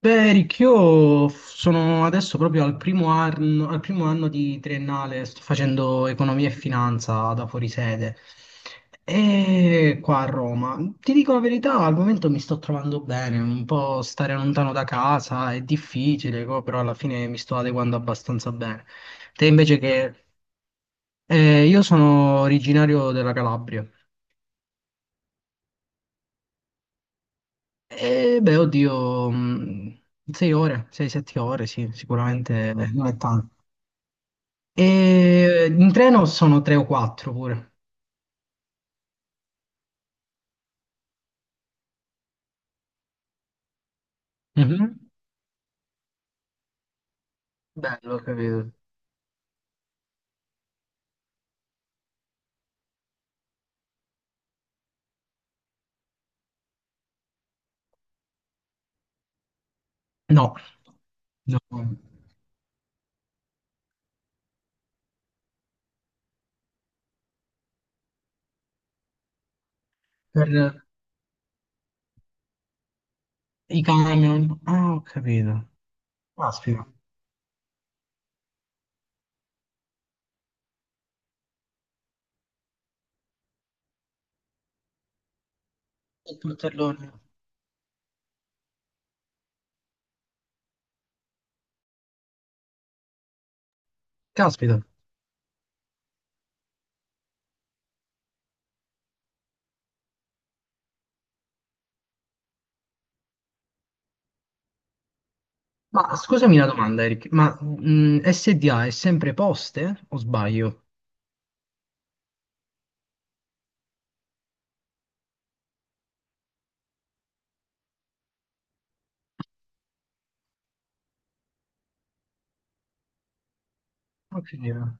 Beh, Eric, sono adesso proprio al primo anno di triennale, sto facendo economia e finanza da fuorisede e qua a Roma. Ti dico la verità, al momento mi sto trovando bene, un po' stare lontano da casa è difficile, però alla fine mi sto adeguando abbastanza bene. Te invece che... Io sono originario della Calabria e beh, oddio, 6 ore, sei, 7 ore, sì, sicuramente non è tanto. E in treno sono tre o quattro pure. Mhm. Bello, ho capito. No, no. Per i camion. Ah, ho capito. Caspita. Il portellone. Caspita. Ma scusami una domanda, Eric. Ma SDA è sempre poste o sbaglio? Ho capito.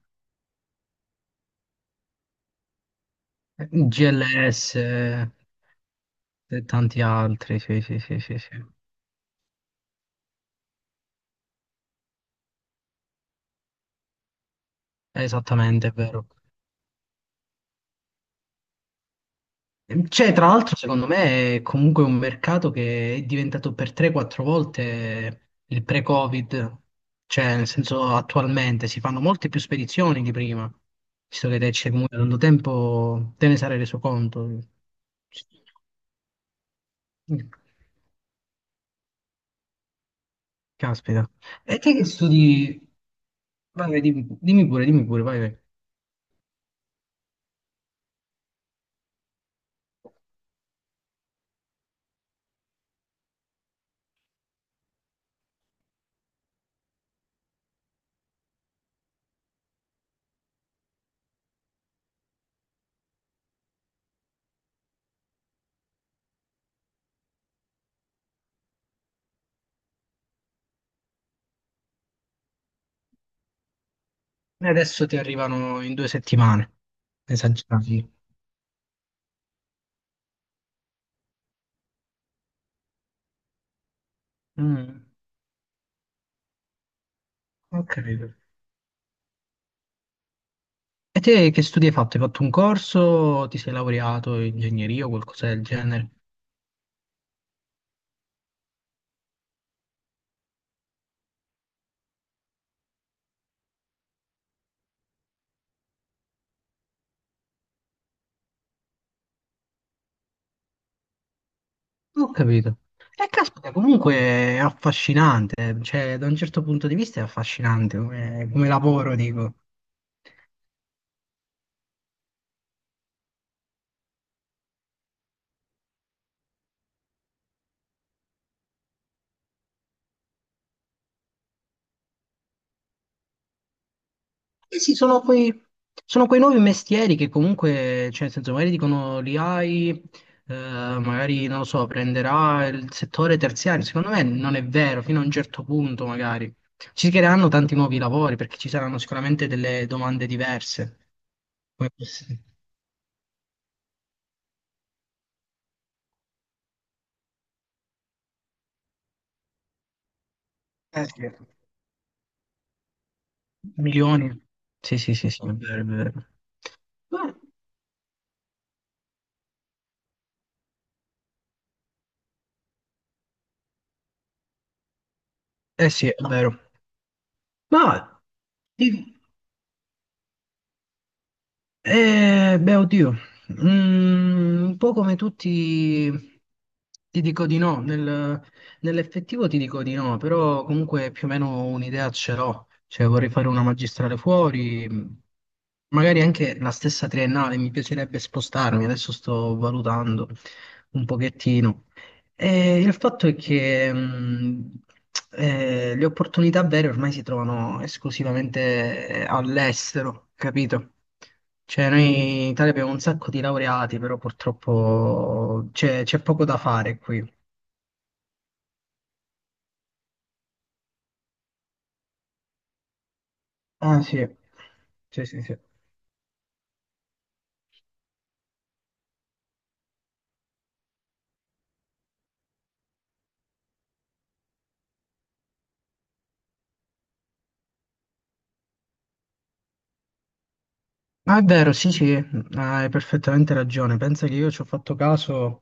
GLS e tanti altri. Sì, sì, sì, sì, sì. Esattamente, è vero. C'è, tra l'altro, secondo me è comunque un mercato che è diventato per 3-4 volte il pre-Covid, cioè nel senso attualmente si fanno molte più spedizioni di prima, visto che te c'è comunque tanto tempo, te ne sarai reso conto. Sì. Caspita. E te che studi? Vai, vai, dimmi, dimmi pure, vai, vai. E adesso ti arrivano in 2 settimane, esagerati. Mm, ok. E te che studi hai fatto? Hai fatto un corso? Ti sei laureato in ingegneria o qualcosa del genere? Non ho capito. E caspita, comunque è affascinante, eh. Cioè da un certo punto di vista è affascinante come, come lavoro, dico. Eh sì, sono quei nuovi mestieri che comunque, cioè, nel senso, magari dicono li hai, magari, non lo so, prenderà il settore terziario. Secondo me non è vero, fino a un certo punto magari. Ci si creeranno tanti nuovi lavori perché ci saranno sicuramente delle domande diverse. Come queste. Eh sì. Milioni. Sì, sì, sì, sì, è vero, è vero. Beh, eh sì, è vero. Ma... Beh, oddio, un po' come tutti ti dico di no, nell'effettivo ti dico di no, però comunque più o meno un'idea ce l'ho, cioè vorrei fare una magistrale fuori, magari anche la stessa triennale, mi piacerebbe spostarmi, adesso sto valutando un pochettino. E il fatto è che le opportunità vere ormai si trovano esclusivamente all'estero, capito? Cioè, noi in Italia abbiamo un sacco di laureati, però purtroppo c'è poco da fare qui. Ah, sì. Sì, sì, sì. Ah, è vero, sì, sì. Ah, hai perfettamente ragione. Pensa che io ci ho fatto caso,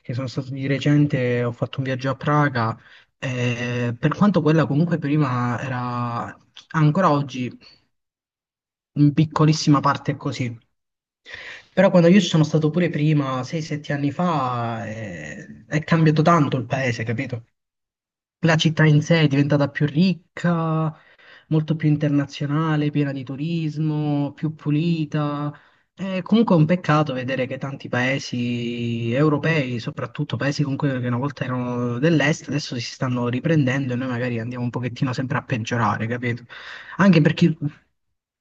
che sono stato di recente, ho fatto un viaggio a Praga, per quanto quella comunque prima era, ancora oggi in piccolissima parte è così. Però quando io ci sono stato pure prima, 6-7 anni fa, è cambiato tanto il paese, capito? La città in sé è diventata più ricca, molto più internazionale, piena di turismo, più pulita. È comunque un peccato vedere che tanti paesi europei, soprattutto paesi comunque che una volta erano dell'est, adesso si stanno riprendendo e noi magari andiamo un pochettino sempre a peggiorare, capito? Anche perché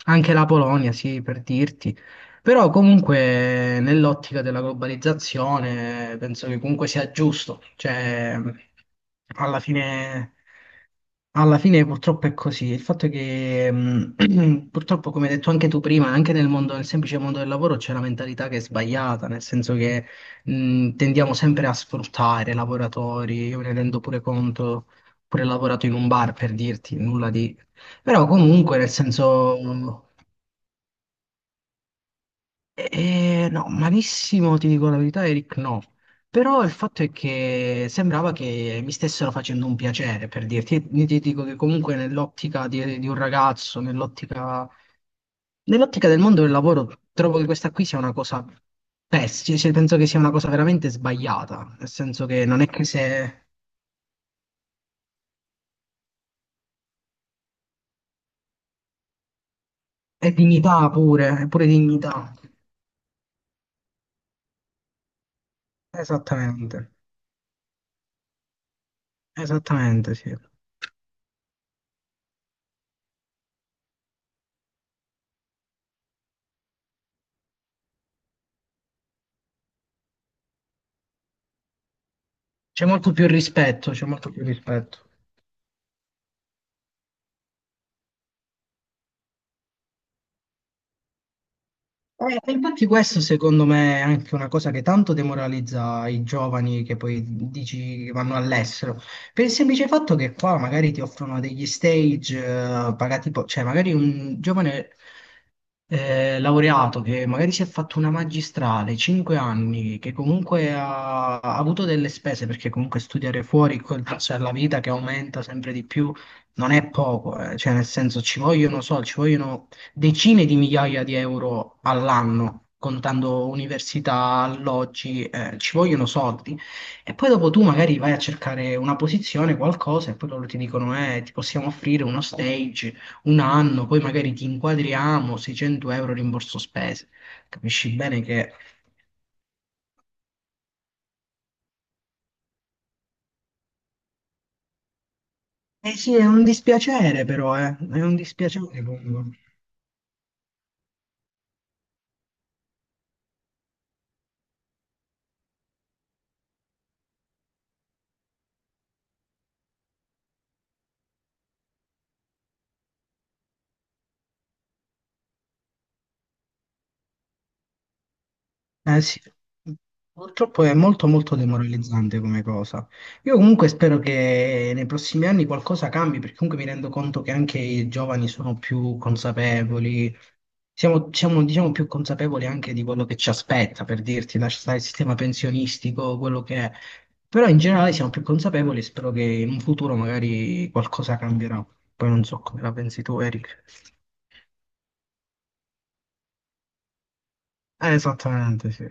anche la Polonia, sì, per dirti, però comunque nell'ottica della globalizzazione penso che comunque sia giusto, cioè alla fine, alla fine purtroppo è così. Il fatto è che purtroppo, come hai detto anche tu prima, anche nel mondo, nel semplice mondo del lavoro c'è una mentalità che è sbagliata, nel senso che tendiamo sempre a sfruttare i lavoratori, io me ne rendo pure conto, pure lavorato in un bar per dirti nulla di... Però comunque nel senso... no, malissimo, ti dico la verità, Eric, no. Però il fatto è che sembrava che mi stessero facendo un piacere, per dirti. Io ti dico che comunque nell'ottica di un ragazzo, nell'ottica del mondo del lavoro, trovo che questa qui sia una cosa pessima, penso che sia una cosa veramente sbagliata, nel senso che non è che se è dignità pure, è pure dignità. Esattamente, esattamente, sì. C'è molto più rispetto, c'è molto più rispetto. Infatti questo secondo me è anche una cosa che tanto demoralizza i giovani che poi dici che vanno all'estero, per il semplice fatto che qua magari ti offrono degli stage pagati, cioè magari un giovane laureato che magari si è fatto una magistrale, 5 anni, che comunque ha avuto delle spese perché comunque studiare fuori col prezzo della vita che aumenta sempre di più non è poco, cioè nel senso ci vogliono soldi, ci vogliono decine di migliaia di euro all'anno, contando università, alloggi, ci vogliono soldi. E poi dopo tu magari vai a cercare una posizione, qualcosa, e poi loro ti dicono, ti possiamo offrire uno stage, un anno, poi magari ti inquadriamo, 600 € rimborso spese. Capisci bene che... Eh sì, è un dispiacere però, è un dispiacere comunque. Eh sì, purtroppo è molto molto demoralizzante come cosa. Io comunque spero che nei prossimi anni qualcosa cambi, perché comunque mi rendo conto che anche i giovani sono più consapevoli, diciamo più consapevoli anche di quello che ci aspetta, per dirti, lascia il sistema pensionistico, quello che è. Però in generale siamo più consapevoli e spero che in un futuro magari qualcosa cambierà. Poi non so come la pensi tu, Eric. Esattamente, sì.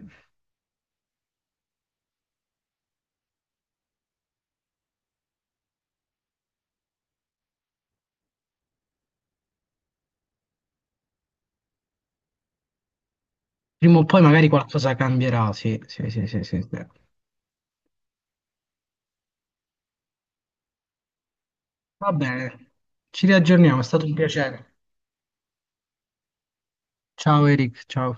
Prima o poi magari qualcosa cambierà, sì, sì, sì, sì, sì, sì. Va bene, ci riaggiorniamo, è stato un piacere. Ciao Eric, ciao.